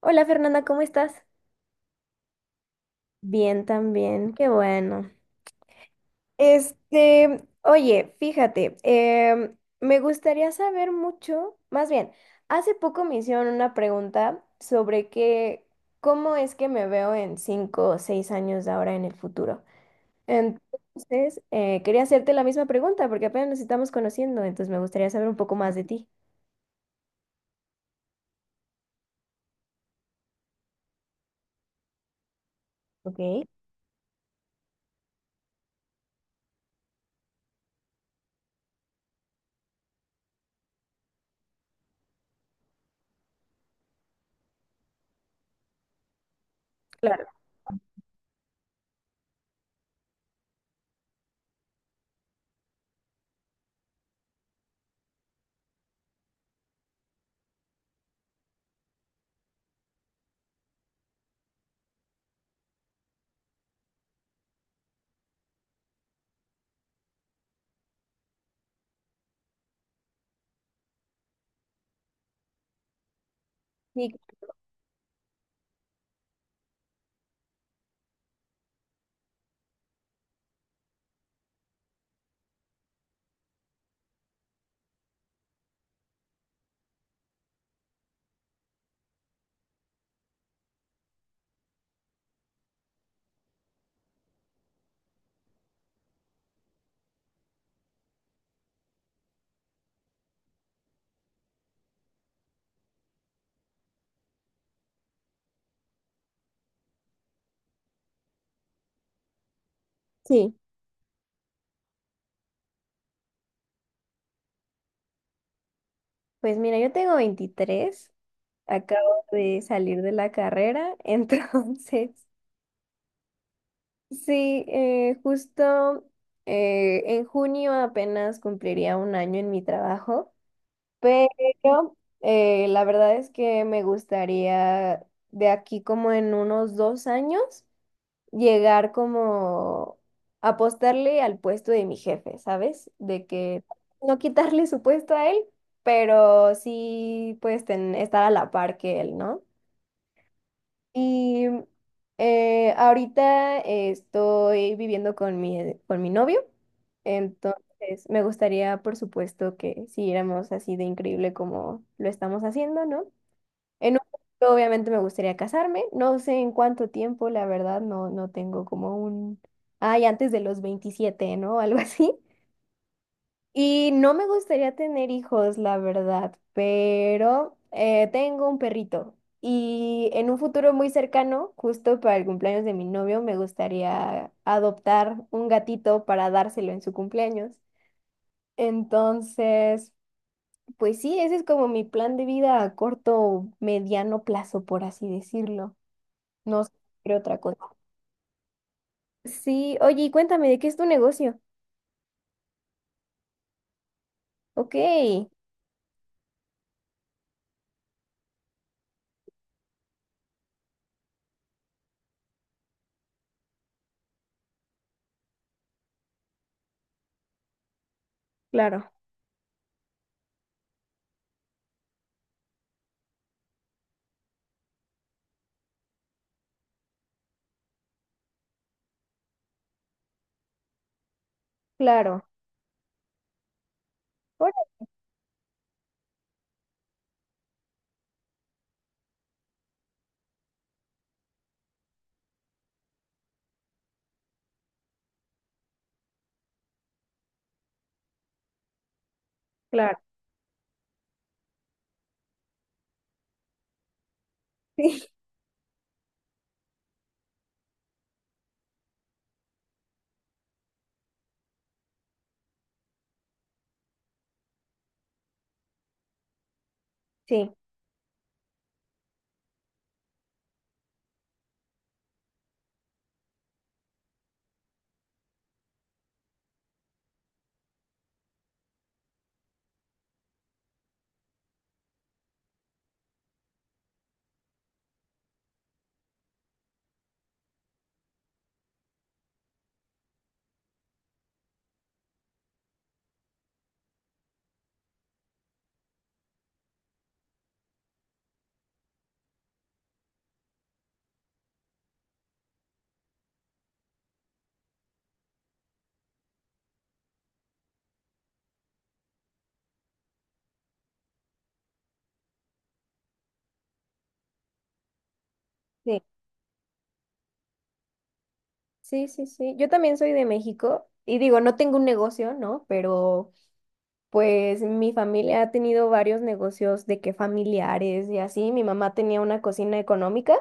Hola Fernanda, ¿cómo estás? Bien, también, qué bueno. Este, oye, fíjate, me gustaría saber mucho, más bien, hace poco me hicieron una pregunta sobre qué, cómo es que me veo en 5 o 6 años de ahora en el futuro. Entonces, quería hacerte la misma pregunta porque apenas nos estamos conociendo, entonces me gustaría saber un poco más de ti. Ok, claro. Sí, sí. Pues mira, yo tengo 23. Acabo de salir de la carrera, entonces sí, justo en junio apenas cumpliría un año en mi trabajo, pero la verdad es que me gustaría de aquí como en unos 2 años llegar como apostarle al puesto de mi jefe, ¿sabes? De que no quitarle su puesto a él, pero sí pues estar a la par que él, ¿no? Y ahorita estoy viviendo con mi novio, entonces me gustaría, por supuesto, que siguiéramos así de increíble como lo estamos haciendo, ¿no? En un futuro, obviamente, me gustaría casarme, no sé en cuánto tiempo, la verdad, no, no tengo como un, ay, antes de los 27, ¿no? Algo así. Y no me gustaría tener hijos, la verdad, pero tengo un perrito y en un futuro muy cercano, justo para el cumpleaños de mi novio, me gustaría adoptar un gatito para dárselo en su cumpleaños. Entonces, pues sí, ese es como mi plan de vida a corto, mediano plazo, por así decirlo. No sé qué otra cosa. Sí, oye, y cuéntame, ¿de qué es tu negocio? Ok, claro, claro, órale, claro, sí, sí, sí. Sí, sí, sí. Yo también soy de México y digo, no tengo un negocio, ¿no? Pero pues mi familia ha tenido varios negocios de que familiares y así. Mi mamá tenía una cocina económica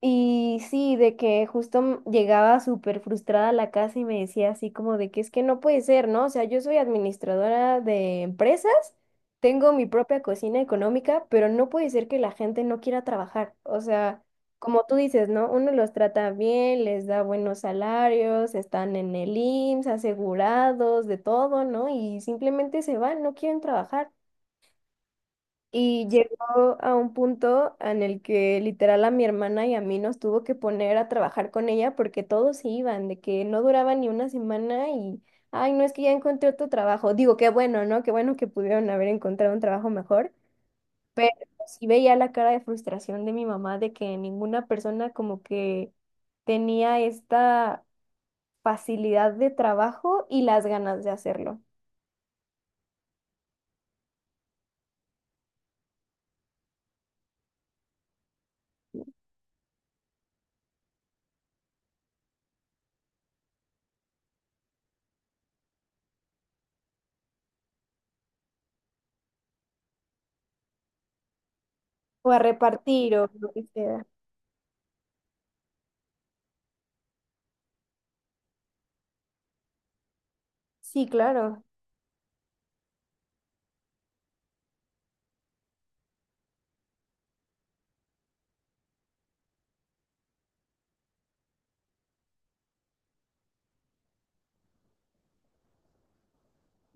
y sí, de que justo llegaba súper frustrada a la casa y me decía así como de que es que no puede ser, ¿no? O sea, yo soy administradora de empresas, tengo mi propia cocina económica, pero no puede ser que la gente no quiera trabajar. O sea, como tú dices, ¿no? Uno los trata bien, les da buenos salarios, están en el IMSS, asegurados, de todo, ¿no? Y simplemente se van, no quieren trabajar. Y llegó a un punto en el que literal a mi hermana y a mí nos tuvo que poner a trabajar con ella porque todos se iban, de que no duraba ni una semana y, ay, no es que ya encontré otro trabajo. Digo, qué bueno, ¿no? Qué bueno que pudieron haber encontrado un trabajo mejor. Sí veía la cara de frustración de mi mamá de que ninguna persona como que tenía esta facilidad de trabajo y las ganas de hacerlo. O a repartir o lo que sea. Sí, claro.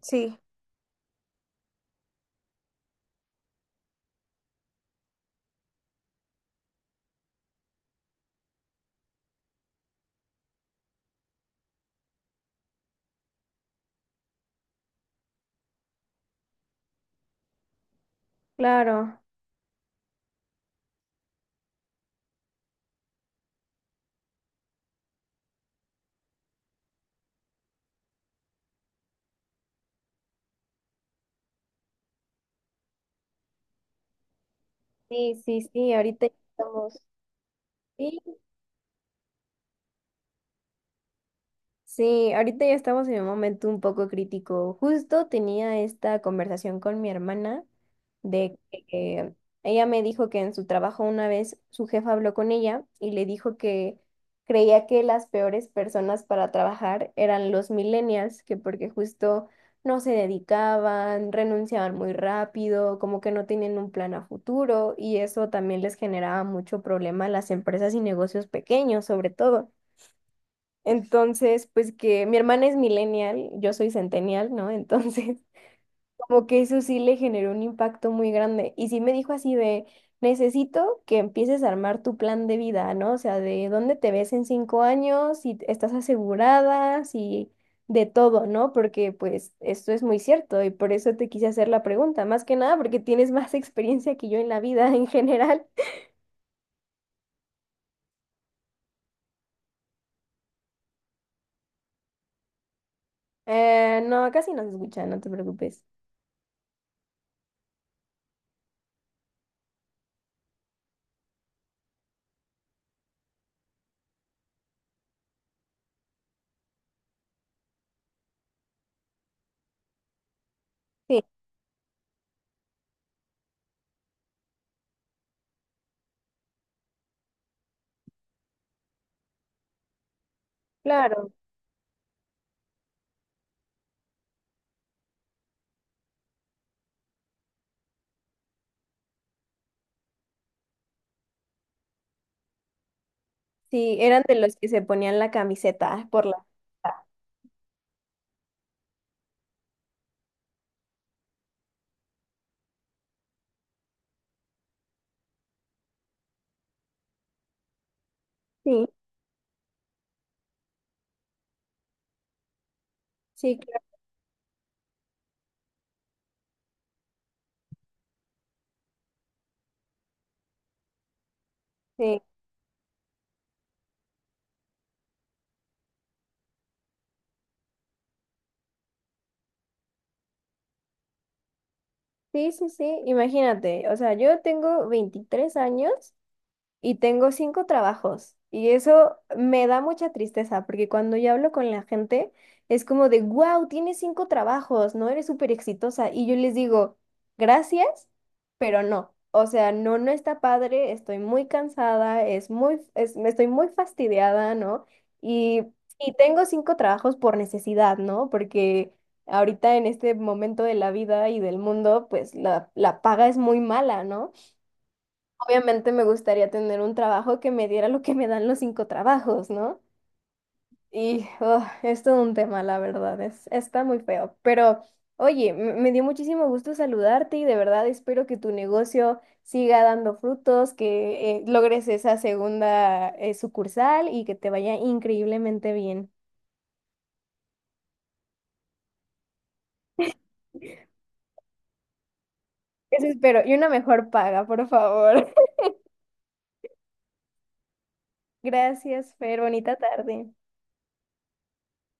Sí. Claro. Sí, sí, sí, ahorita ya estamos. Sí, sí, ahorita ya estamos en un momento un poco crítico. Justo tenía esta conversación con mi hermana de que ella me dijo que en su trabajo una vez su jefa habló con ella y le dijo que creía que las peores personas para trabajar eran los millennials, que porque justo no se dedicaban, renunciaban muy rápido, como que no tenían un plan a futuro y eso también les generaba mucho problema a las empresas y negocios pequeños, sobre todo. Entonces, pues que mi hermana es millennial, yo soy centennial, ¿no? Entonces, como que eso sí le generó un impacto muy grande. Y sí me dijo así de, necesito que empieces a armar tu plan de vida, ¿no? O sea, de dónde te ves en 5 años, si estás asegurada, si de todo, ¿no? Porque pues esto es muy cierto y por eso te quise hacer la pregunta, más que nada porque tienes más experiencia que yo en la vida en general. No, casi no se escucha, no te preocupes. Sí, claro. Sí, eran de los que se ponían la camiseta por la... Sí, sí, claro, sí. Sí, sí, sí, imagínate, o sea, yo tengo 23 años y tengo cinco trabajos. Y eso me da mucha tristeza, porque cuando yo hablo con la gente, es como de, wow, tienes cinco trabajos, ¿no? Eres súper exitosa. Y yo les digo, gracias, pero no. O sea, no, no está padre, estoy muy cansada, me estoy muy fastidiada, ¿no? Y, y tengo cinco trabajos por necesidad, ¿no? Porque ahorita en este momento de la vida y del mundo, pues la paga es muy mala, ¿no? Obviamente me gustaría tener un trabajo que me diera lo que me dan los cinco trabajos, ¿no? Y oh, es todo un tema, la verdad, es, está muy feo. Pero oye, me dio muchísimo gusto saludarte y de verdad espero que tu negocio siga dando frutos, que logres esa segunda sucursal y que te vaya increíblemente bien. Eso espero. Y una mejor paga, por favor. Gracias, Fer. Bonita tarde.